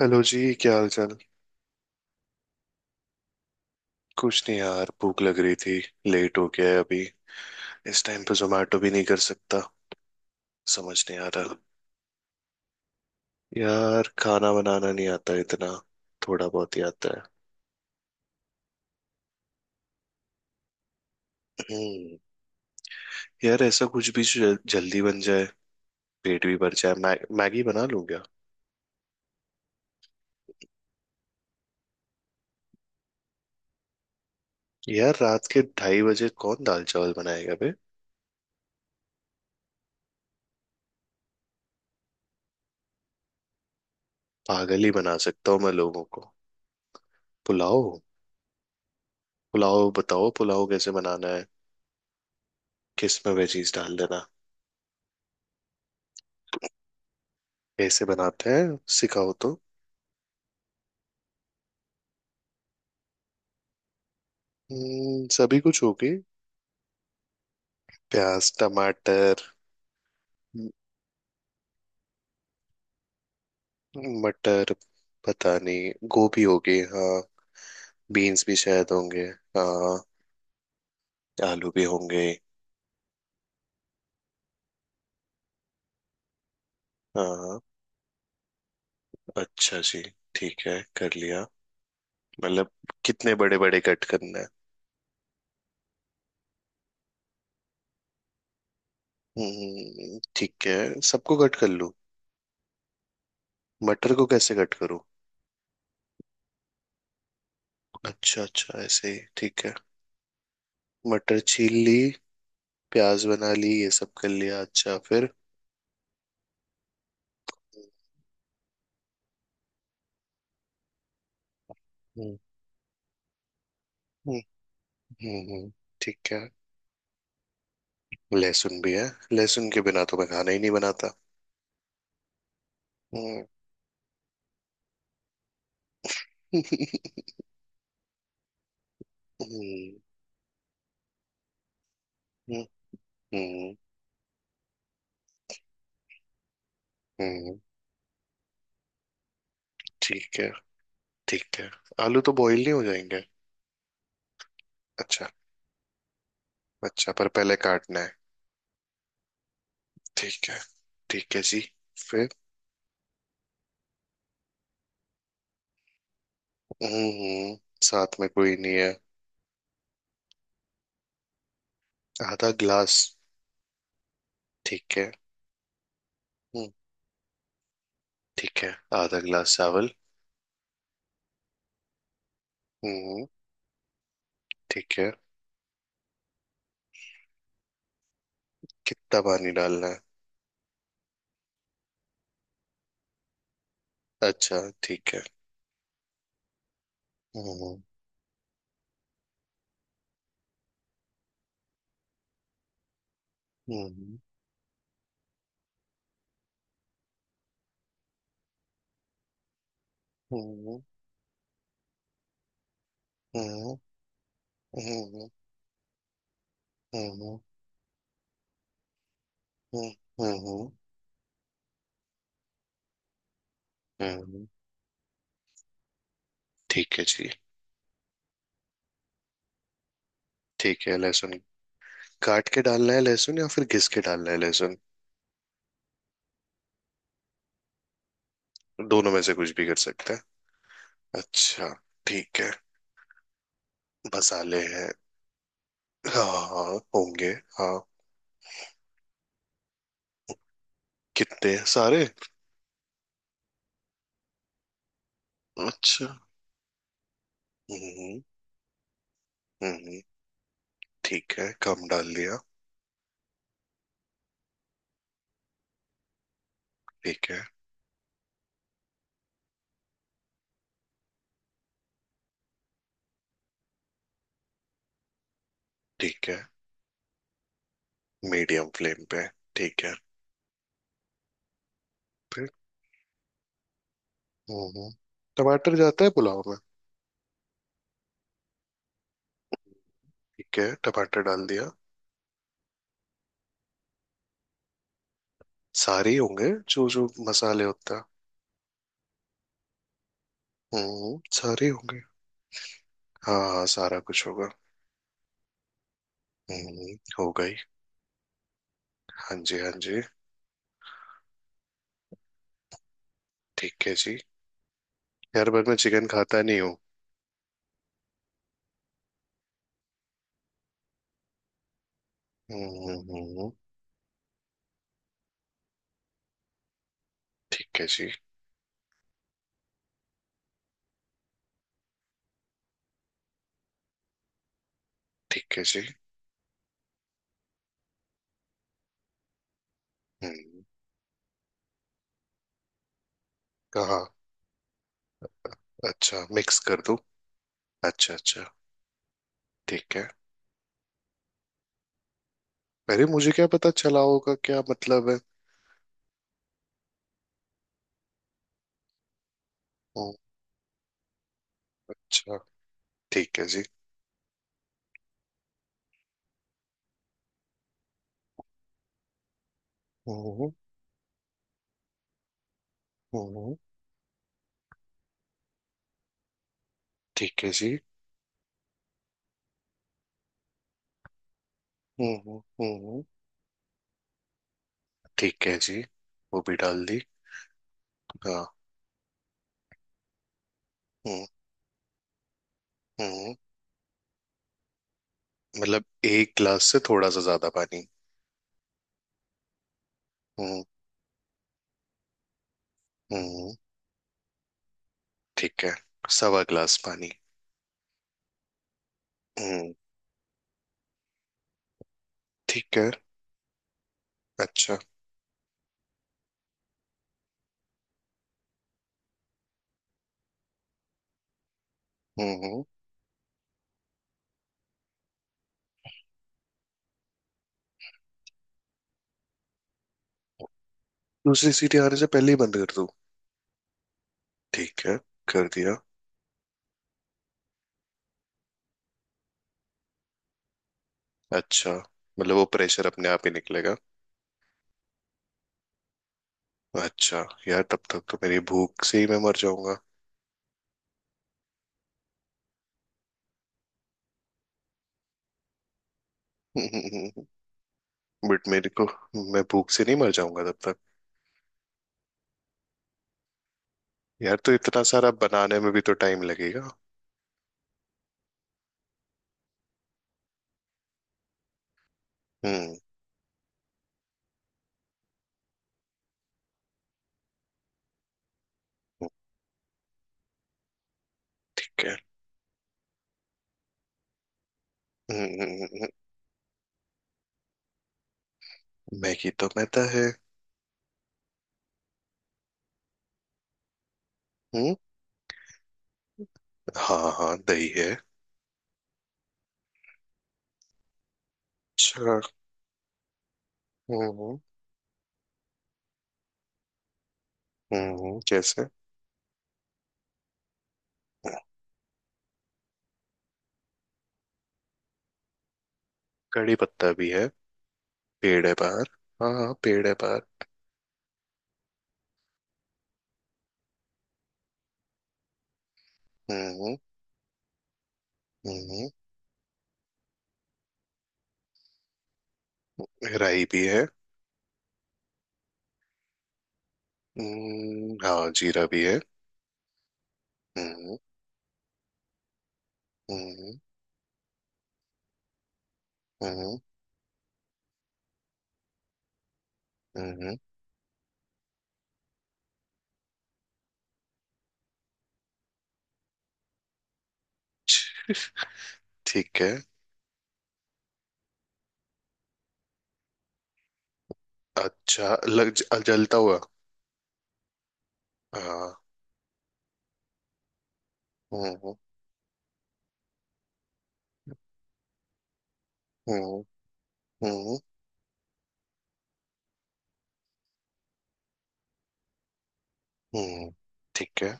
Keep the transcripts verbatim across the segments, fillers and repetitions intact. Hello जी, क्या हाल चाल। कुछ नहीं यार, भूख लग रही थी। लेट हो गया है अभी। इस टाइम पे जोमेटो भी नहीं कर सकता। समझ नहीं आ रहा। यार, खाना बनाना नहीं आता इतना। थोड़ा बहुत ही आता है। हम्म। यार, ऐसा कुछ भी जो जल- जल्दी बन जाए, पेट भी भर जाए। मै, मैगी बना लूं क्या। यार, रात के ढाई बजे कौन दाल चावल बनाएगा बे। पागल ही बना सकता हूँ मैं लोगों को। पुलाव। पुलाव बताओ, पुलाव कैसे बनाना है। किस में वेजीज डाल देना। कैसे बनाते हैं सिखाओ तो। हम्म, सभी कुछ होगी। प्याज, टमाटर। म- मटर। पता नहीं, गोभी होगी हाँ। बीन्स भी शायद होंगे। हाँ, आलू भी होंगे। हाँ। अच्छा जी। ठीक है कर लिया। मतलब कितने बड़े बड़े कट करना है। हम्म, ठीक है सबको कट कर लूँ। मटर को कैसे कट करूँ। अच्छा अच्छा ऐसे ही ठीक है। मटर छील ली, प्याज बना ली, ये सब कर लिया। अच्छा फिर। हम्म हम्म हम्म हम्म। ठीक है। लहसुन भी है। लहसुन के बिना तो मैं खाना ही नहीं बनाता। हम्म। हम्म हम्म, हम्म, हम्म, ठीक है ठीक है आलू तो बॉईल नहीं हो जाएंगे अच्छा अच्छा पर पहले काटना है ठीक है ठीक है जी फिर हम्म साथ में कोई नहीं है आधा ग्लास ठीक है हम्म ठीक है आधा ग्लास चावल हम्म ठीक है कितना पानी डालना है अच्छा ठीक है हम्म हम्म हम्म हम्म हम्म हम्म हम्म। हम्म, हम्म, हम्म। ठीक है जी। ठीक है। लहसुन काट के डालना है लहसुन, या फिर घिस के डालना है लहसुन। दोनों में से कुछ भी कर सकते हैं। अच्छा। ठीक है। मसाले हैं, हाँ हाँ होंगे। हाँ। कितने हैं? सारे। अच्छा। हम्म। हम्म, ठीक है कम डाल दिया। ठीक है। ठीक है मीडियम फ्लेम पे। ठीक है। फिर। हम्म हम्म। टमाटर जाता है पुलाव में। ठीक है टमाटर डाल दिया। सारे ही होंगे जो जो मसाले होते हैं। हम्म, सारे होंगे। हाँ हाँ सारा कुछ होगा। हम्म हो गई। हाँ जी, हाँ जी। ठीक है जी। यार पर मैं चिकन खाता नहीं हूँ। हम्म हम्म। ठीक है जी। ठीक है जी। हम्म। कहाँ? अच्छा मिक्स कर दूँ। अच्छा अच्छा। ठीक है। अरे मुझे क्या पता चला होगा क्या मतलब है। हम्म। अच्छा। ठीक है जी। हम्म हम्म। ठीक है जी। हम्म हम्म। ठीक है जी, वो भी डाल दी। हाँ। हम्म हम्म। मतलब एक गिलास से थोड़ा सा ज्यादा पानी। हम्म हम्म। ठीक है। सवा ग्लास पानी। हम्म। ठीक है। अच्छा। हम्म हम्म। दूसरी सीटी आने से पहले ही बंद कर दूं। ठीक है कर दिया। अच्छा, मतलब वो प्रेशर अपने आप ही निकलेगा। अच्छा यार, तब तक तो मेरी भूख से ही मैं मर जाऊंगा। बट मेरे को, मैं भूख से नहीं मर जाऊंगा तब तक। यार तो इतना सारा बनाने में भी तो टाइम लगेगा। हम्म। ठीक है। हम्म, हम्म, हम्म। मैगी तो मैदा है। हम्म। हाँ हाँ दही है। अच्छा। हम्म। हम्म जैसे। कड़ी पत्ता भी है, पेड़ है बाहर। हाँ हाँ पेड़ है बाहर। हम्म। हम्म। राई भी है। हम्म, हाँ जीरा भी है। हम्म। हम्म हम्म हम्म। ठीक है। अच्छा लग ज- जलता हुआ। हाँ। हम्म हम्म हम्म हम्म। ठीक है।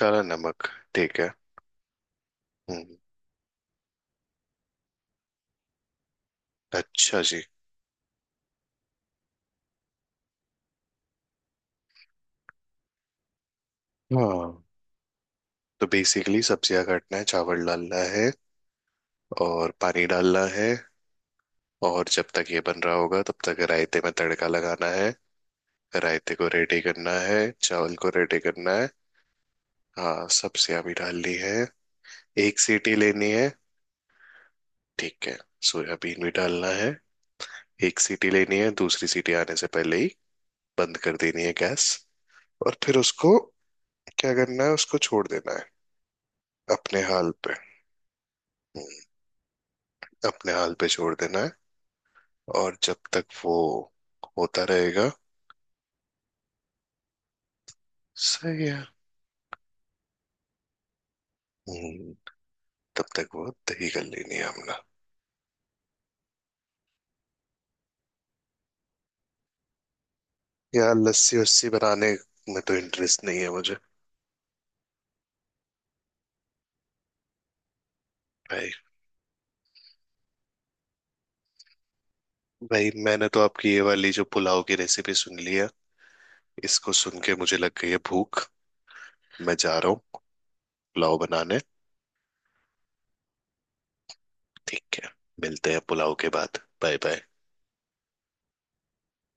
काला नमक। ठीक है। हम्म। अच्छा जी। हाँ तो बेसिकली सब्जियां काटना है, चावल डालना है, और पानी डालना है। और जब तक ये बन रहा होगा तब तक रायते में तड़का लगाना है। रायते को रेडी करना है, चावल को रेडी करना है। हाँ सब्जियां भी डालनी है। एक सीटी लेनी है। ठीक है। सोयाबीन भी डालना है। एक सीटी लेनी है, दूसरी सीटी आने से पहले ही बंद कर देनी है गैस। और फिर उसको क्या करना है, उसको छोड़ देना है अपने हाल पे। हम्म, अपने हाल पे छोड़ देना है। और जब तक वो होता रहेगा। सही है। हम्म, तब तक वो दही कर लेनी है हमने। यार लस्सी वस्सी बनाने में तो इंटरेस्ट नहीं है मुझे। भाई, भाई मैंने तो आपकी ये वाली जो पुलाव की रेसिपी सुन ली है, इसको सुन के मुझे लग गई है भूख। मैं जा रहा हूँ पुलाव बनाने। ठीक है। मिलते हैं पुलाव के बाद। Bye bye.